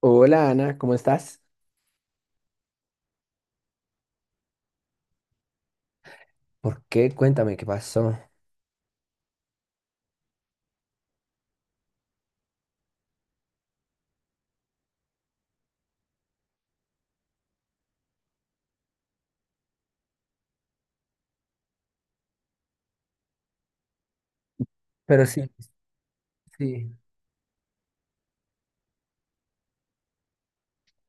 Hola Ana, ¿cómo estás? ¿Por qué? Cuéntame qué pasó. Pero sí, sí.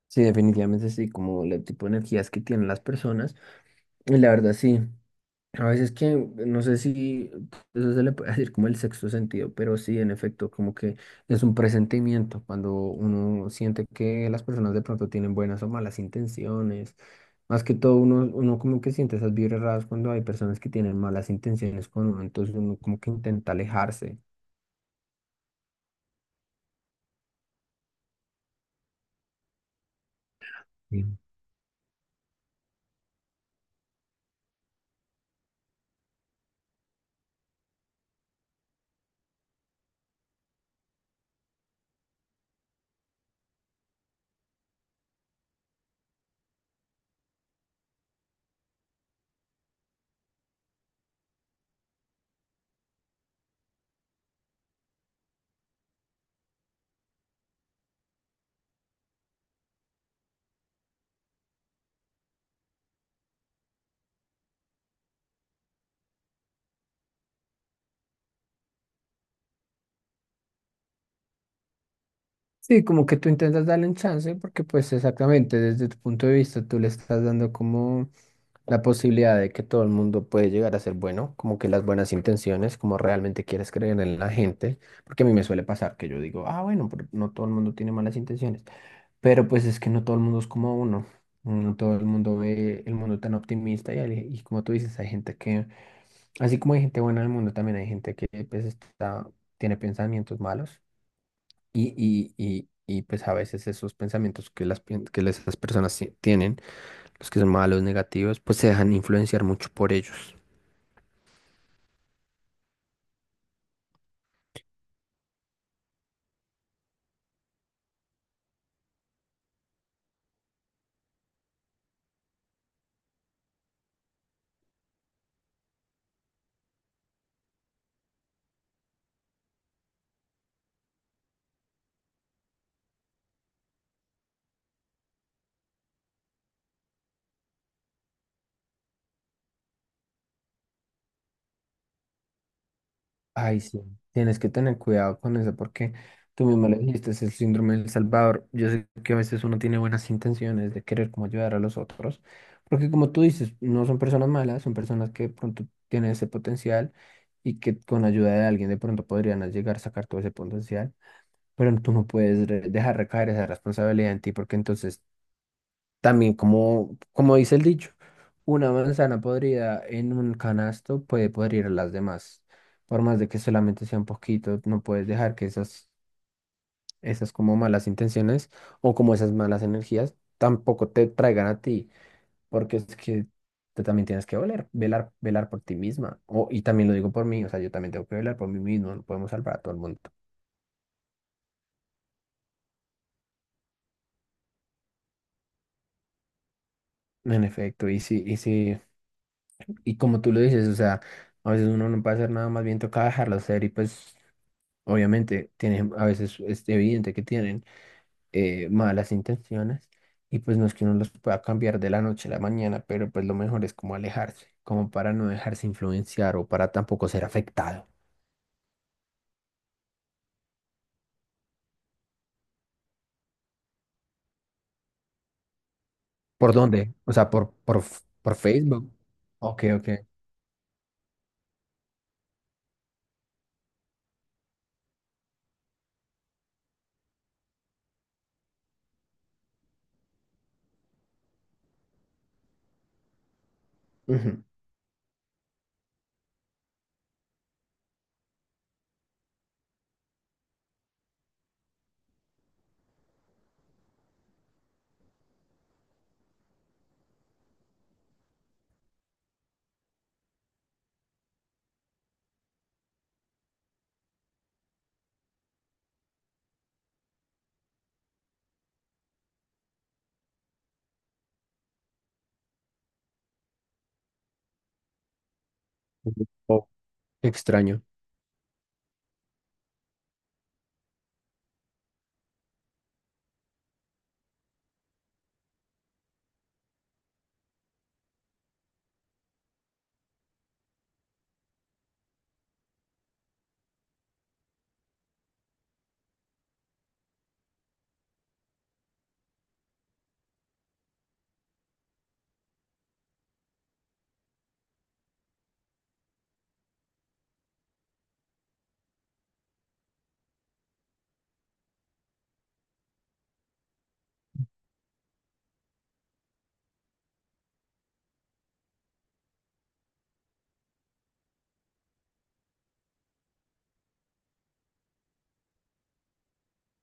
Sí, definitivamente sí, como el tipo de energías que tienen las personas. Y la verdad sí, a veces que no sé si eso se le puede decir como el sexto sentido, pero sí, en efecto, como que es un presentimiento cuando uno siente que las personas de pronto tienen buenas o malas intenciones. Más que todo, uno como que siente esas vibras raras cuando hay personas que tienen malas intenciones con uno, entonces uno como que intenta alejarse. Sí, como que tú intentas darle un chance porque pues exactamente desde tu punto de vista tú le estás dando como la posibilidad de que todo el mundo puede llegar a ser bueno, como que las buenas intenciones, como realmente quieres creer en la gente, porque a mí me suele pasar que yo digo, ah, bueno, pero no todo el mundo tiene malas intenciones, pero pues es que no todo el mundo es como uno, no todo el mundo ve el mundo tan optimista y, y como tú dices, hay gente que, así como hay gente buena en el mundo, también hay gente que pues está, tiene pensamientos malos. Y, y pues a veces esos pensamientos que, que esas personas tienen, los que son malos, negativos, pues se dejan influenciar mucho por ellos. Ay, sí, tienes que tener cuidado con eso porque tú mismo lo dijiste, es el síndrome del Salvador. Yo sé que a veces uno tiene buenas intenciones de querer como ayudar a los otros, porque como tú dices, no son personas malas, son personas que de pronto tienen ese potencial y que con ayuda de alguien de pronto podrían llegar a sacar todo ese potencial. Pero tú no puedes dejar recaer esa responsabilidad en ti porque entonces también como, como dice el dicho, una manzana podrida en un canasto puede podrir a las demás. Por más de que solamente sea un poquito, no puedes dejar que esas como malas intenciones o como esas malas energías tampoco te traigan a ti, porque es que tú también tienes que velar por ti misma. O, y también lo digo por mí, o sea, yo también tengo que velar por mí mismo, no podemos salvar a todo el mundo. En efecto, y sí, y como tú lo dices, o sea, a veces uno no puede hacer nada, más bien toca dejarlo ser y pues obviamente, tienen, a veces es evidente que tienen malas intenciones y pues no es que uno los pueda cambiar de la noche a la mañana, pero pues lo mejor es como alejarse, como para no dejarse influenciar o para tampoco ser afectado. ¿Por dónde? O sea, por Facebook. Ok, ok. Ujú. Oh, qué extraño.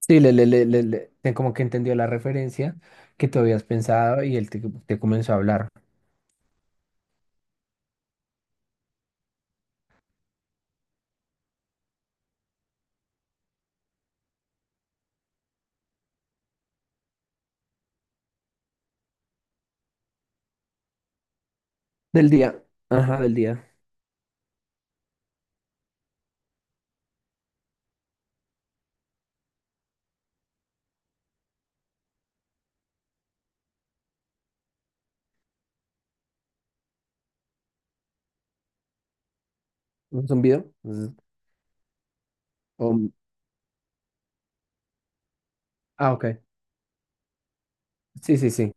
Sí, como que entendió la referencia que tú habías pensado y te comenzó a hablar. Del día. Ajá, del día. ¿Un zumbido? Zzz. O- ah, ok. Sí, sí, sí.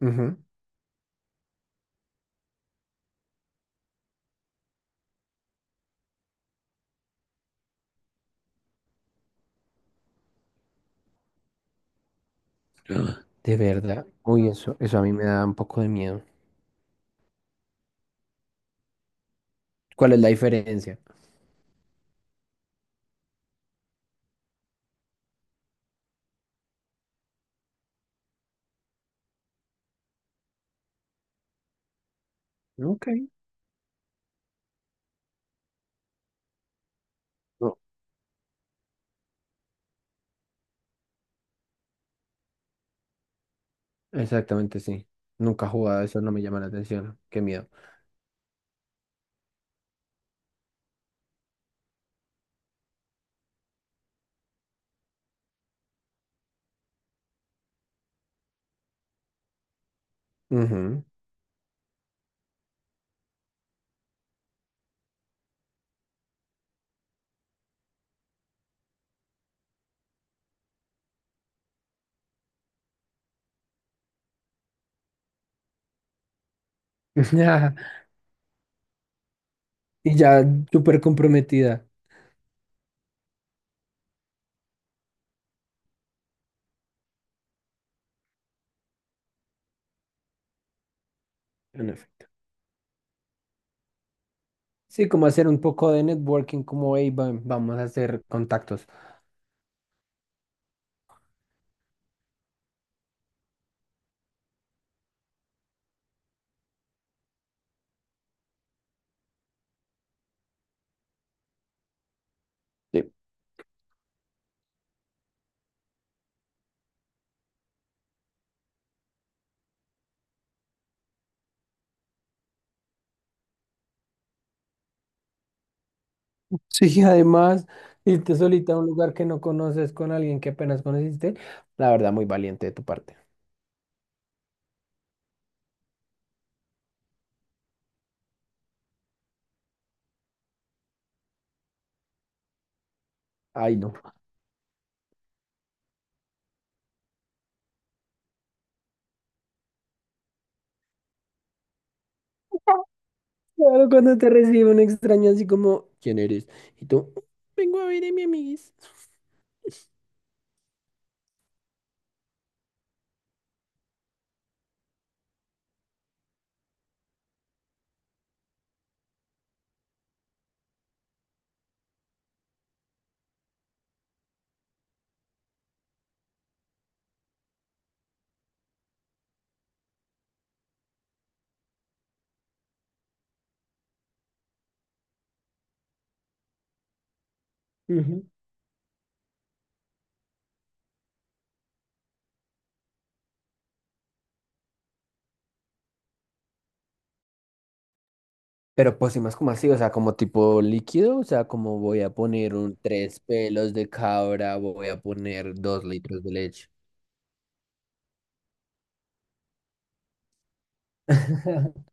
Ujú. Ah. De verdad. Uy, eso a mí me da un poco de miedo. ¿Cuál es la diferencia? Ok. No. Exactamente, sí. Nunca he jugado, eso no me llama la atención. Qué miedo. Ujú. Y ya súper comprometida. En efecto. Sí, como hacer un poco de networking, como, hey, vamos a hacer contactos. Sí, Sí, además, irte solita a un lugar que no conoces con alguien que apenas conociste, la verdad, muy valiente de tu parte. Ay, no. Claro, cuando te recibe un extraño así como, ¿quién eres? Y tú, vengo a ver a mi amiguis. Ujú. Pero pues sí, más como así, o sea, como tipo líquido, o sea, como voy a poner un tres pelos de cabra, voy a poner dos litros de leche.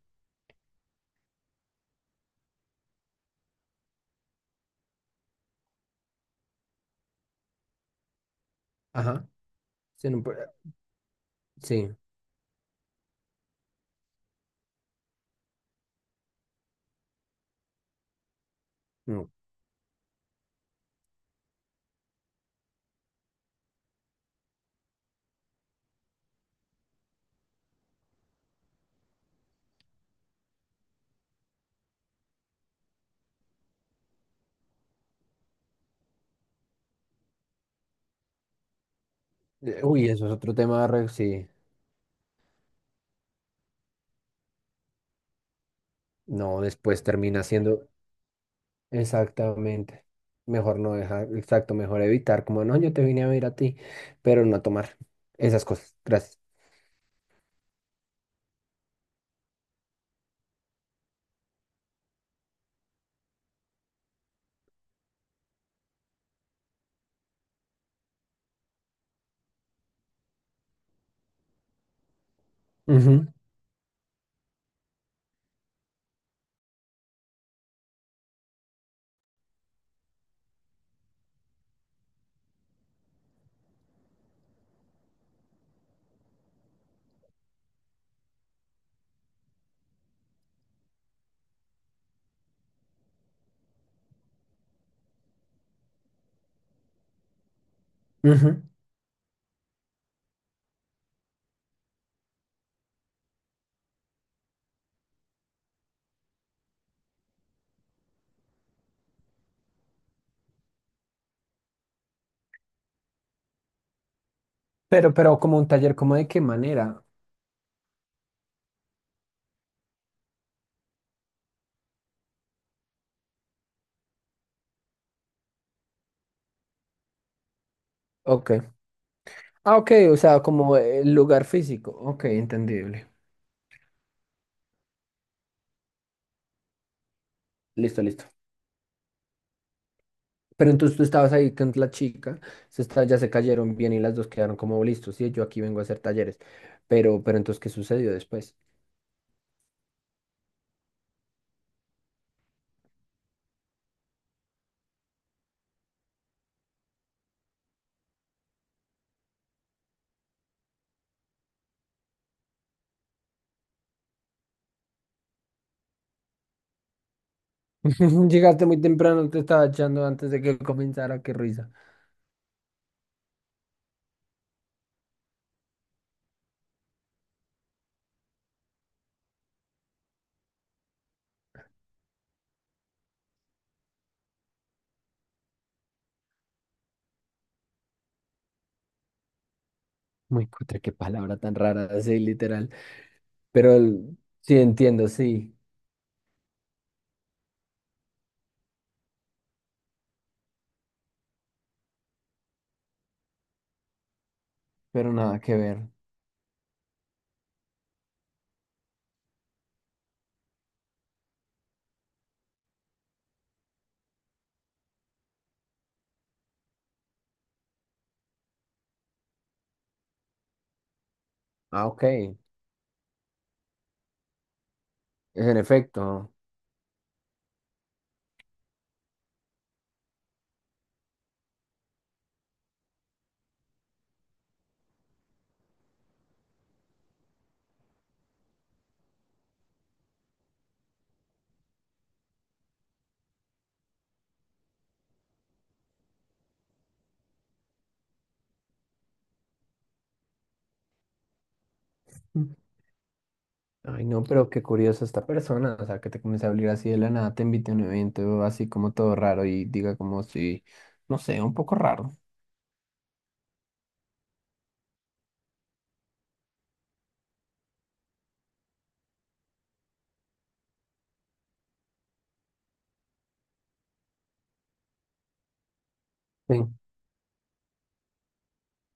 Ajá. Sí. no, pero- sí, no. Uy, eso es otro tema, re- sí. No, después termina siendo exactamente. Mejor no dejar, exacto, mejor evitar, como no, yo te vine a ver a ti, pero no a tomar esas cosas. Gracias. Ujú. Ujú. Pero como un taller, ¿cómo de qué manera? Ok. Ah, ok, o sea, como el lugar físico. Ok, entendible. Listo, listo. Pero entonces tú estabas ahí con la chica, se está, ya se cayeron bien y las dos quedaron como listos. Sí, yo aquí vengo a hacer talleres. Pero entonces, ¿qué sucedió después? Llegaste muy temprano, te estaba echando antes de que comenzara, qué risa. Muy cutre, qué palabra tan rara, así literal. Sí, entiendo, sí, pero nada que ver. Ah, ok, en efecto. Ay, no, pero qué curiosa esta persona, o sea, que te comience a hablar así de la nada, te invite a un evento así como todo raro y diga como si, no sé, un poco raro. Ven,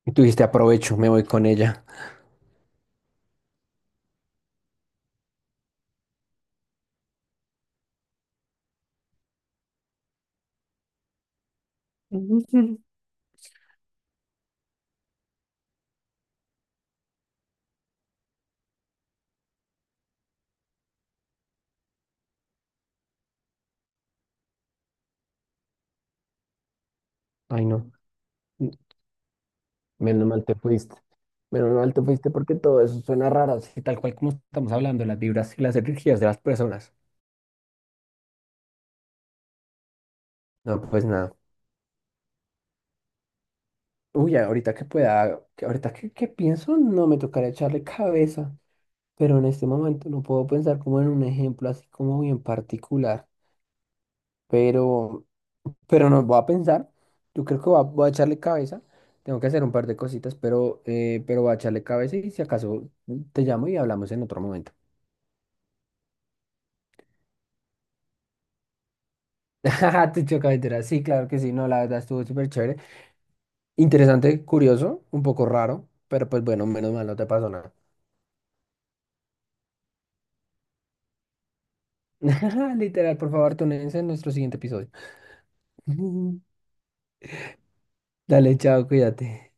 y tú dijiste, aprovecho, me voy con ella. Ujú. Ay, no, mm, menos mal te fuiste. Menos mal te fuiste porque todo eso suena raro, así tal cual como estamos hablando, las vibras y las energías de las personas. No, pues nada. Uy, ahorita que pueda, que pienso, no me tocará echarle cabeza, pero en este momento no puedo pensar como en un ejemplo así como bien particular. pero, pero nos va a pensar. Yo creo que voy a echarle cabeza. Tengo que hacer un par de cositas, pero voy a echarle cabeza y si acaso te llamo y hablamos en otro momento. Ajá, te choca entera. Sí, claro que sí. No, la verdad estuvo súper chévere. Interesante, curioso, un poco raro, pero pues bueno, menos mal no te pasó nada. Literal, por favor, túnense en nuestro siguiente episodio. Dale, chao, cuídate.